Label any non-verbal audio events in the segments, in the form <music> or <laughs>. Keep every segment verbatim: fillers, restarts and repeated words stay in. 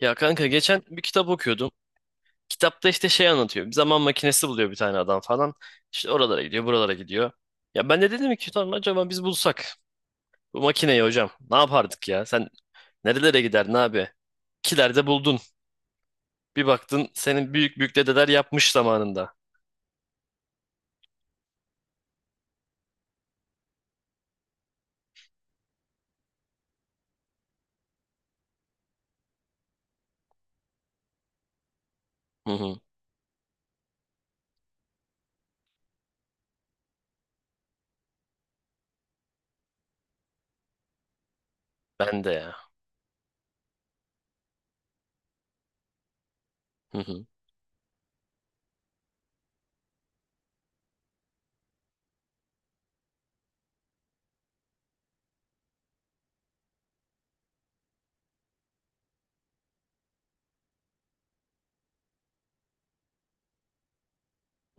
Ya kanka geçen bir kitap okuyordum. Kitapta işte şey anlatıyor. Bir zaman makinesi buluyor bir tane adam falan. İşte oralara gidiyor, buralara gidiyor. Ya ben de dedim ki "Ulan acaba biz bulsak bu makineyi hocam ne yapardık ya? Sen nerelere giderdin abi? Kilerde buldun. Bir baktın senin büyük büyük dedeler yapmış zamanında. Hı hı. Ben de ya. Hı hı.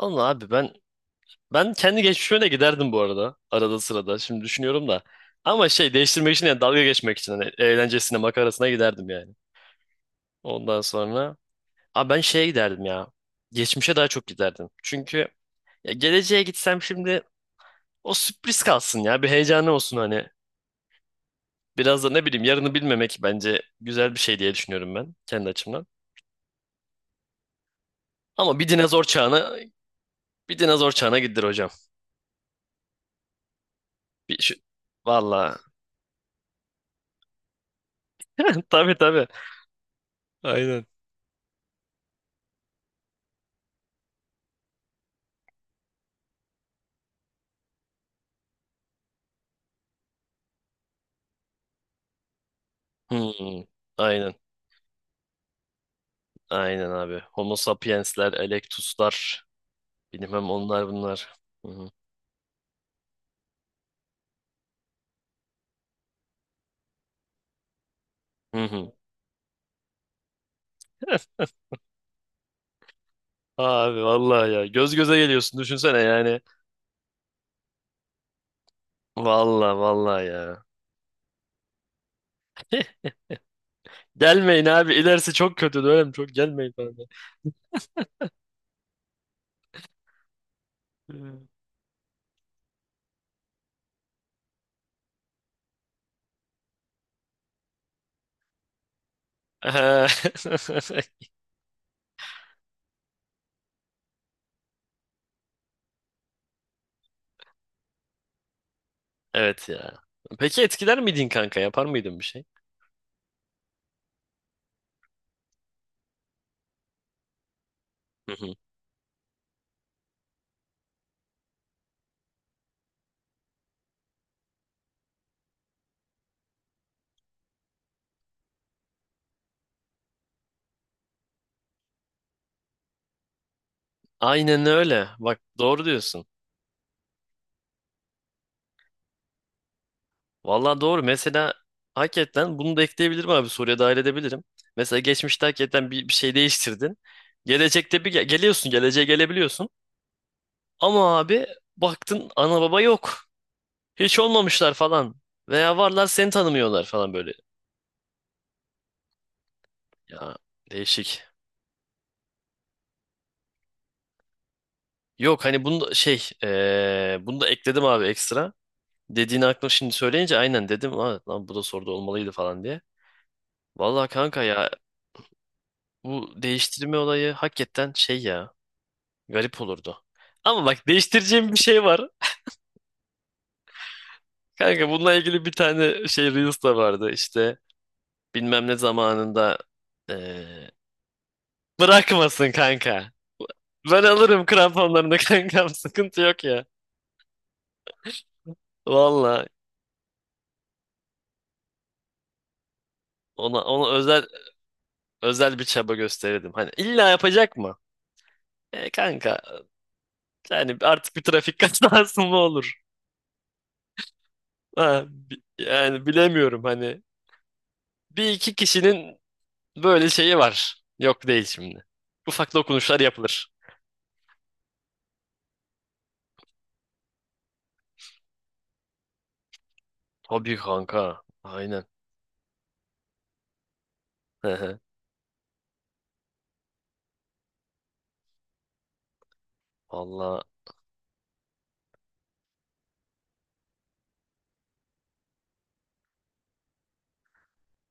Vallahi abi ben ben kendi geçmişime de giderdim bu arada. Arada sırada. Şimdi düşünüyorum da. Ama şey değiştirmek için yani dalga geçmek için hani eğlencesine makarasına giderdim yani. Ondan sonra abi ben şeye giderdim ya. Geçmişe daha çok giderdim. Çünkü ya geleceğe gitsem şimdi o sürpriz kalsın ya. Bir heyecanı olsun hani. Biraz da ne bileyim yarını bilmemek bence güzel bir şey diye düşünüyorum ben kendi açımdan. Ama bir dinozor çağına bir dinozor çağına gidilir hocam. Bir şu, valla. <laughs> Tabii tabii. Aynen. Hmm, aynen. Aynen abi. Homo sapiensler, Electus'lar. Bilmem onlar bunlar. Hı hı. Hı hı. <laughs> Abi vallahi ya göz göze geliyorsun düşünsene yani. Valla valla ya. <laughs> Gelmeyin abi. İlerisi çok kötü dönem. Çok gelmeyin abi. Hmm. Ehe. <laughs> Evet ya. Peki etkiler miydin kanka? Yapar mıydın bir şey? Hı hı. Aynen öyle. Bak doğru diyorsun. Valla doğru. Mesela hakikaten bunu da ekleyebilirim abi. Soruya dahil edebilirim. Mesela geçmişte hakikaten bir, bir şey değiştirdin. Gelecekte bir ge- geliyorsun. Geleceğe gelebiliyorsun. Ama abi baktın ana baba yok. Hiç olmamışlar falan. Veya varlar seni tanımıyorlar falan böyle. Ya değişik. Yok hani bunu da şey eee, bunu da ekledim abi ekstra. Dediğini aklıma şimdi söyleyince aynen dedim. "Aa, lan bu da soruda olmalıydı falan diye. Vallahi kanka ya bu değiştirme olayı hakikaten şey ya garip olurdu. Ama bak değiştireceğim bir şey var. Kanka bununla ilgili bir tane şey Reels da vardı işte bilmem ne zamanında eee, bırakmasın kanka. Ben alırım kramponlarını <laughs> kankam sıkıntı yok ya. Vallahi ona ona özel özel bir çaba gösterirdim. Hani illa yapacak mı? E kanka yani artık bir trafik <laughs> kazası mı olur? Ha, bi- yani bilemiyorum hani. Bir iki kişinin böyle şeyi var. Yok değil şimdi. Ufak dokunuşlar yapılır. Tabii kanka. Aynen. Hı hı. Vallahi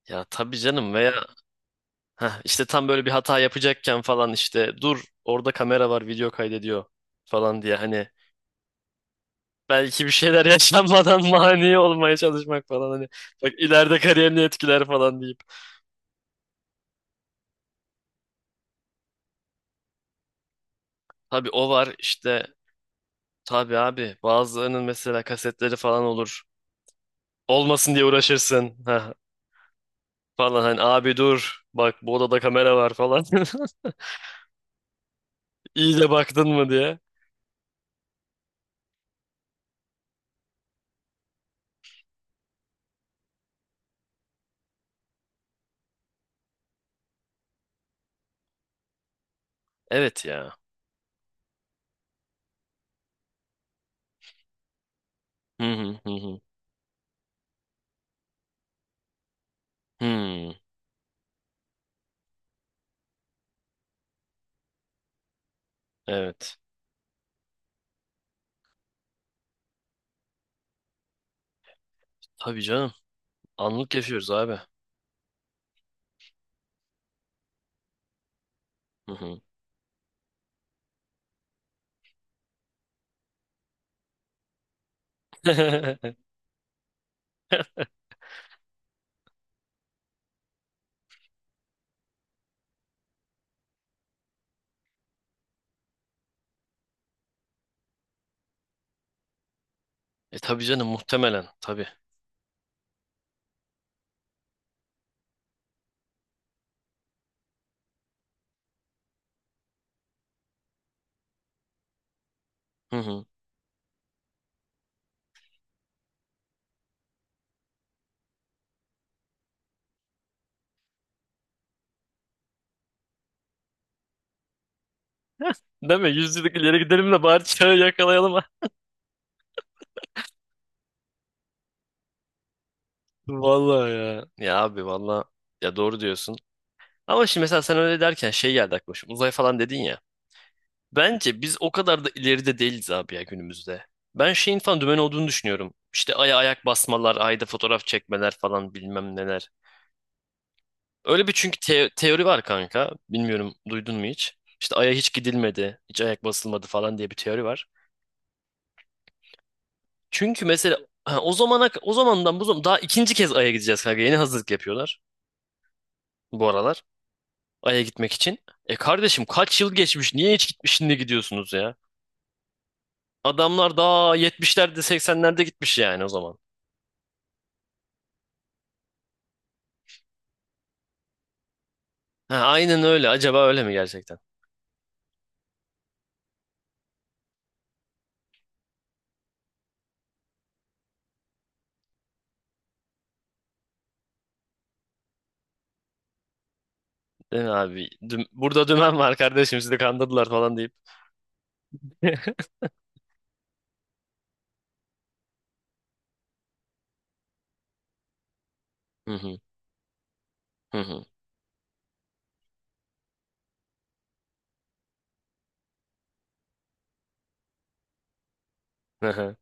ya tabii canım veya heh, işte tam böyle bir hata yapacakken falan işte dur orada kamera var video kaydediyor falan diye hani belki bir şeyler yaşanmadan <laughs> mani olmaya çalışmak falan hani. Bak ileride kariyerini etkiler falan deyip. Tabii o var işte. Tabii abi bazılarının mesela kasetleri falan olur. Olmasın diye uğraşırsın. Heh, falan hani abi dur bak bu odada kamera var falan. <laughs> İyice baktın mı diye. Evet ya. Hı hı hı hı. Hmm, evet. Tabii canım. Anlık yaşıyoruz abi. Hı hı. <laughs> E tabii canım muhtemelen tabii. Hı hı. Değil mi? Yüzyıllık ileri gidelim de bari çağı yakalayalım. Vallahi ya. Ya abi valla ya doğru diyorsun. Ama şimdi mesela sen öyle derken şey geldi aklıma. Şimdi uzay falan dedin ya. Bence biz o kadar da ileride değiliz abi ya günümüzde. Ben şeyin falan dümen olduğunu düşünüyorum. İşte aya ayak basmalar, ayda fotoğraf çekmeler falan bilmem neler. Öyle bir çünkü te- teori var kanka. Bilmiyorum duydun mu hiç? İşte aya hiç gidilmedi, hiç ayak basılmadı falan diye bir teori var. Çünkü mesela ha, o zamana o zamandan bu zaman daha ikinci kez aya gideceğiz kanka. Yeni hazırlık yapıyorlar bu aralar. Ay'a gitmek için. E kardeşim kaç yıl geçmiş? Niye hiç gitmiş şimdi gidiyorsunuz ya? Adamlar daha yetmişlerde seksenlerde gitmiş yani o zaman. Ha, aynen öyle. Acaba öyle mi gerçekten? Değil mi abi? Düm- Burada dümen var kardeşim sizi kandırdılar falan deyip. <laughs> Hı hı, hı hı, hı hı,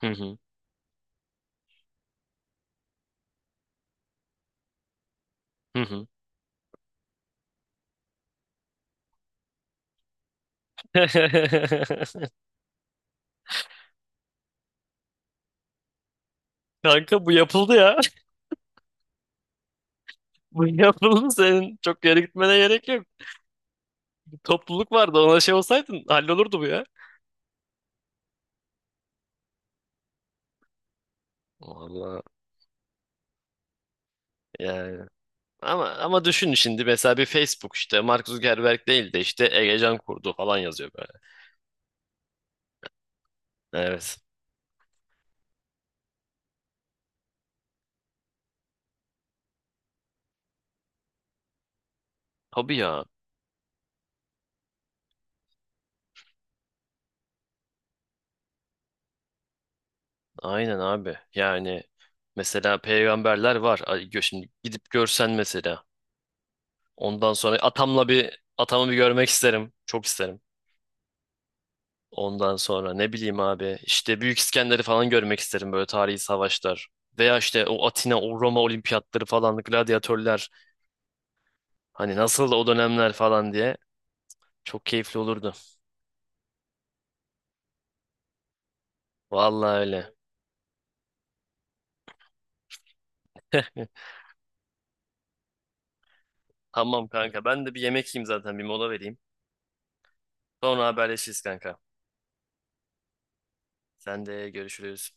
hı hı, hı hı. <laughs> Kanka bu yapıldı ya. <laughs> Bu yapıldı senin çok yere gitmene gerek yok. Topluluk vardı ona şey olsaydın hallolurdu bu ya. Vallahi yani. Ama ama düşün şimdi mesela bir Facebook işte Mark Zuckerberg değil de işte Egecan kurdu falan yazıyor böyle. Evet. Tabii ya. Aynen abi. Yani mesela peygamberler var. Ay, gö- şimdi gidip görsen mesela. Ondan sonra atamla bir atamı bir görmek isterim. Çok isterim. Ondan sonra ne bileyim abi işte Büyük İskender'i falan görmek isterim böyle tarihi savaşlar. Veya işte o Atina, o Roma olimpiyatları falan, gladyatörler. Hani nasıl o dönemler falan diye. Çok keyifli olurdu. Vallahi öyle. <laughs> Tamam kanka ben de bir yemek yiyeyim zaten bir mola vereyim. Sonra haberleşiriz kanka. Sen de görüşürüz.